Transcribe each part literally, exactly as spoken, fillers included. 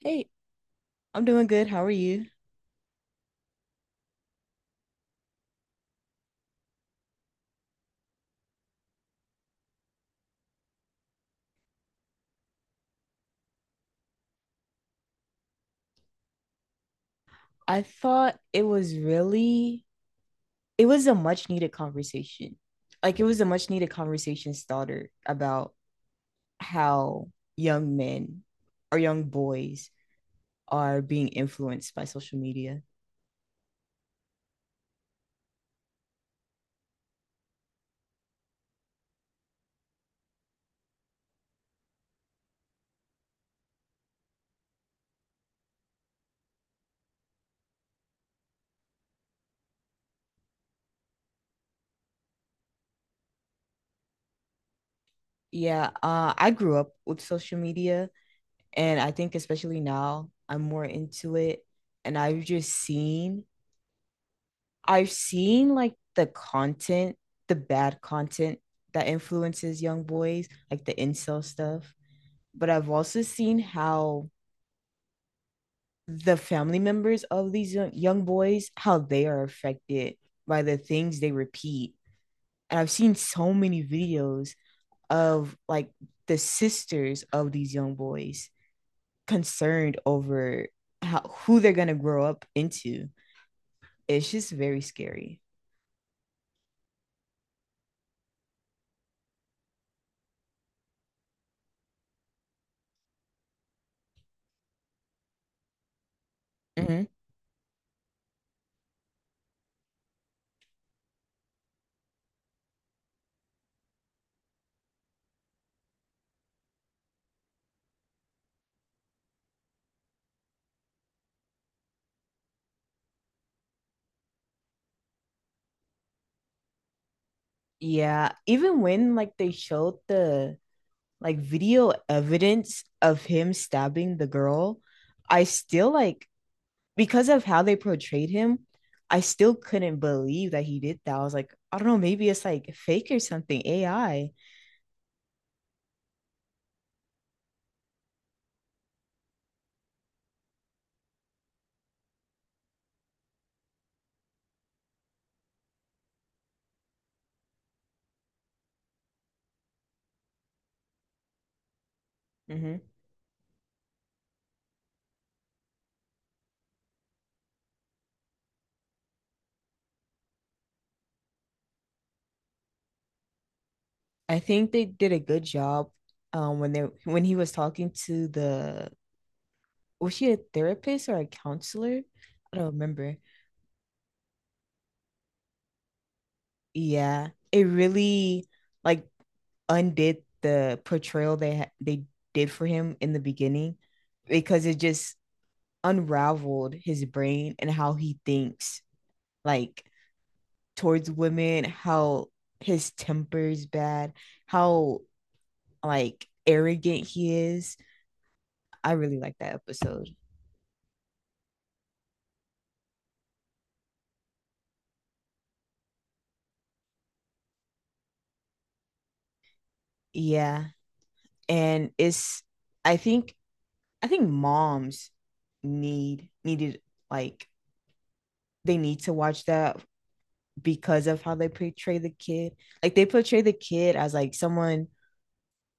Hey, I'm doing good. How are you? I thought it was really, it was a much needed conversation. Like it was a much needed conversation starter about how young men or young boys are being influenced by social media. Yeah, uh, I grew up with social media, and I think especially now I'm more into it, and I've just seen I've seen like the content, the bad content that influences young boys, like the incel stuff. But I've also seen how the family members of these young, young boys, how they are affected by the things they repeat. And I've seen so many videos of like the sisters of these young boys concerned over how, who they're going to grow up into. It's just very scary. Mhm. Yeah, even when like they showed the like video evidence of him stabbing the girl, I still like because of how they portrayed him, I still couldn't believe that he did that. I was like, I don't know, maybe it's like fake or something, A I. hmm I think they did a good job um, when they when he was talking to the was she a therapist or a counselor? I don't remember. Yeah, it really like undid the portrayal they ha- they did for him in the beginning because it just unraveled his brain and how he thinks like towards women, how his temper is bad, how like arrogant he is. I really like that episode. Yeah. And it's I think I think moms need needed like they need to watch that because of how they portray the kid. Like they portray the kid as like someone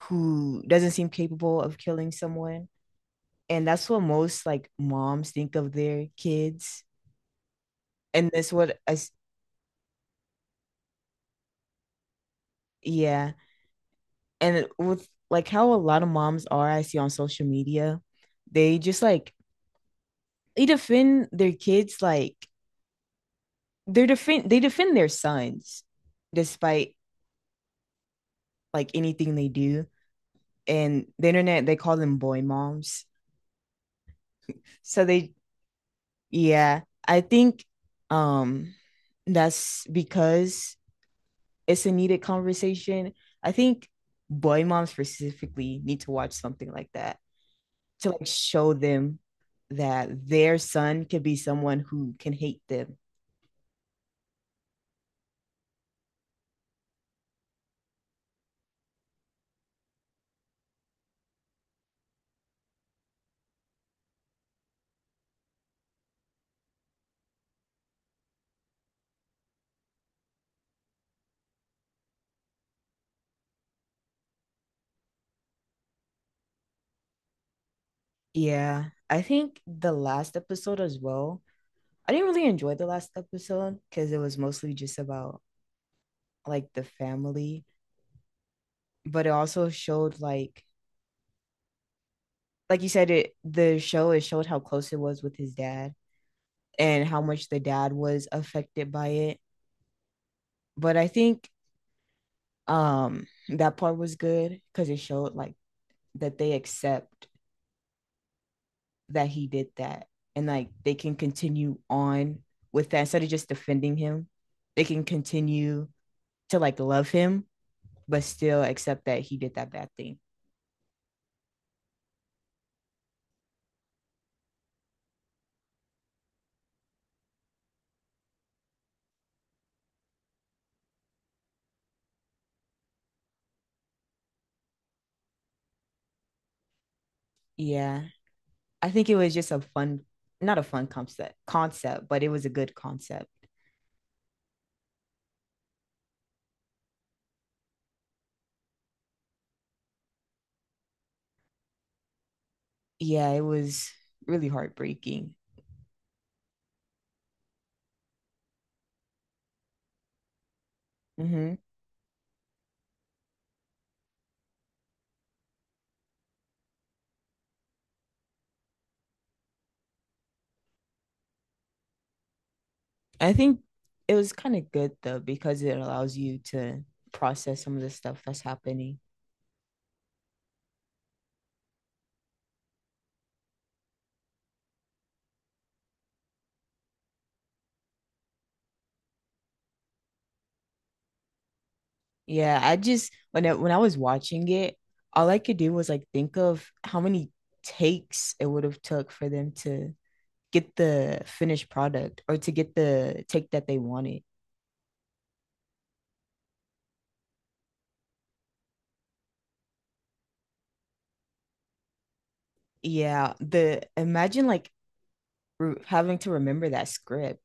who doesn't seem capable of killing someone. And that's what most like moms think of their kids. And that's what I s- Yeah. And with like how a lot of moms are I see on social media, they just like they defend their kids like They defend they defend their sons despite like anything they do. And the internet they call them boy moms. So they Yeah, I think um that's because it's a needed conversation. I think boy moms specifically need to watch something like that to like show them that their son could be someone who can hate them. Yeah, I think the last episode as well. I didn't really enjoy the last episode because it was mostly just about like the family, but it also showed like like you said it the show it showed how close it was with his dad and how much the dad was affected by it. But I think um that part was good because it showed like that they accept that he did that and like they can continue on with that instead of just defending him. They can continue to like love him but still accept that he did that bad thing. Yeah. I think it was just a fun, Not a fun concept, concept, but it was a good concept. Yeah, it was really heartbreaking. hmm I think it was kind of good though because it allows you to process some of the stuff that's happening. Yeah, I just when I, when I was watching it, all I could do was like think of how many takes it would have took for them to get the finished product or to get the take that they wanted. Yeah, the imagine like re having to remember that script.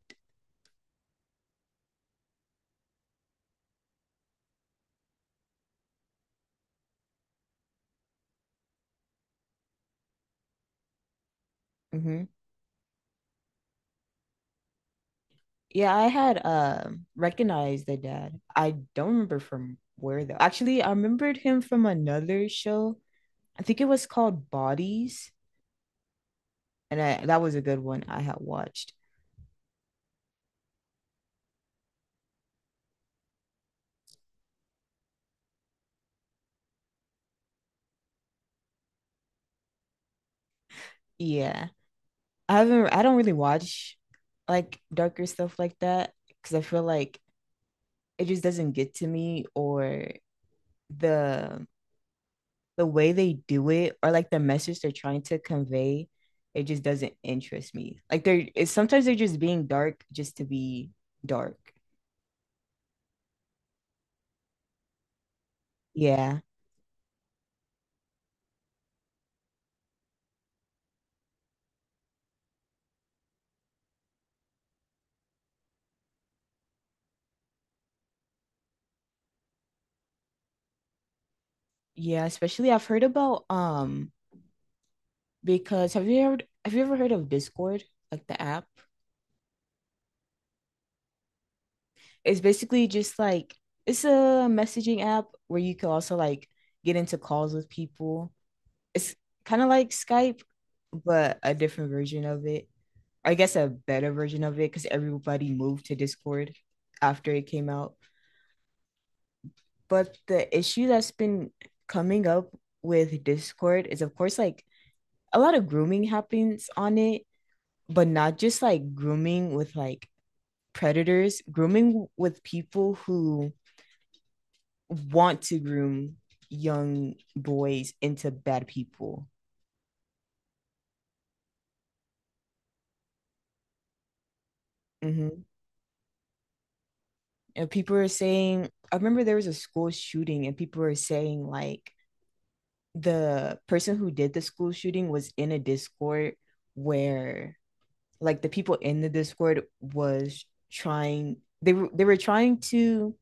hmm Yeah, I had uh, recognized the dad. I don't remember from where though. Actually, I remembered him from another show. I think it was called Bodies, and I, that was a good one I had watched. Yeah, I haven't. I don't really watch like darker stuff like that because I feel like it just doesn't get to me, or the the way they do it or like the message they're trying to convey, it just doesn't interest me. Like they're it's, sometimes they're just being dark just to be dark. Yeah. Yeah, especially I've heard about um because have you ever have you ever heard of Discord, like the app? It's basically just like it's a messaging app where you can also like get into calls with people. It's kind of like Skype, but a different version of it. I guess a better version of it because everybody moved to Discord after it came out. But the issue that's been coming up with Discord is, of course, like a lot of grooming happens on it, but not just like grooming with like predators, grooming with people who want to groom young boys into bad people. Mm-hmm. And people are saying, I remember there was a school shooting, and people were saying, like, the person who did the school shooting was in a Discord where like the people in the Discord was trying they were they were trying to,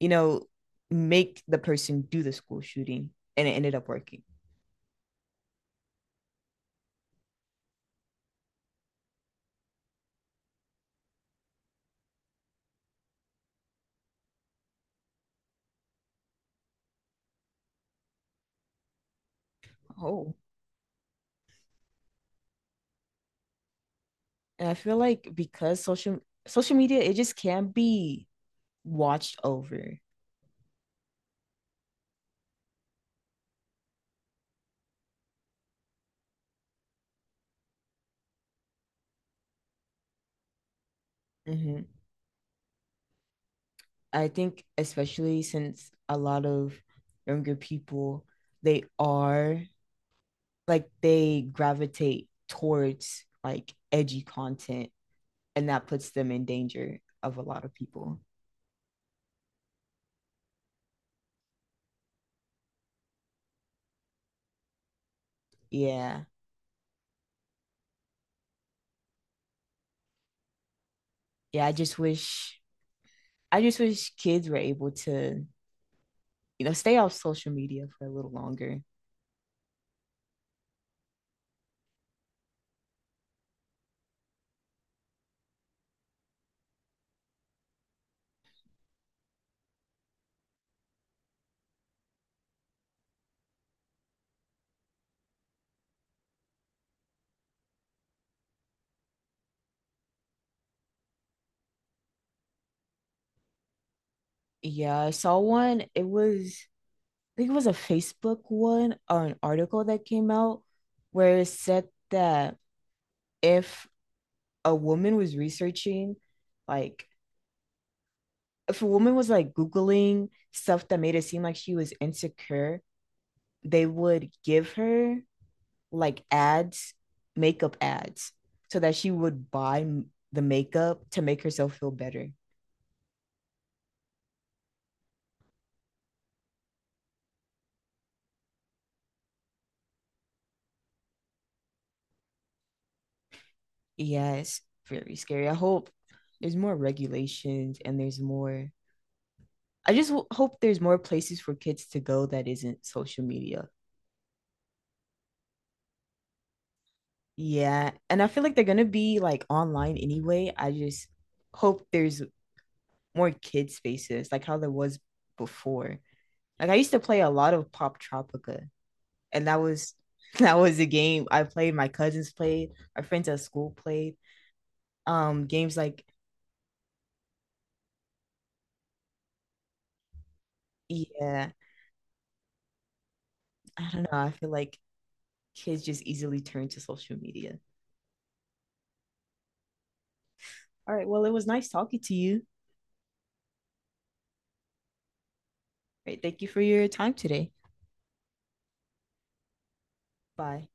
you know, make the person do the school shooting and it ended up working. Oh. And I feel like because social social media it just can't be watched over. hmm I think especially since a lot of younger people they are like they gravitate towards like edgy content and that puts them in danger of a lot of people. Yeah. Yeah, I just wish I just wish kids were able to, you know, stay off social media for a little longer. Yeah, I saw one. It was I think it was a Facebook one or an article that came out where it said that if a woman was researching like if a woman was like googling stuff that made it seem like she was insecure they would give her like ads makeup ads so that she would buy m- the makeup to make herself feel better. Yeah, it's very scary. I hope there's more regulations and there's more. I just w- hope there's more places for kids to go that isn't social media. Yeah, and I feel like they're gonna be like online anyway. I just hope there's more kid spaces, like how there was before. Like I used to play a lot of Pop Tropica, and that was that was a game I played. My cousins played, my friends at school played. Um, games like Yeah, I don't know. I feel like kids just easily turn to social media. All right, well, it was nice talking to you. All right, thank you for your time today. Bye.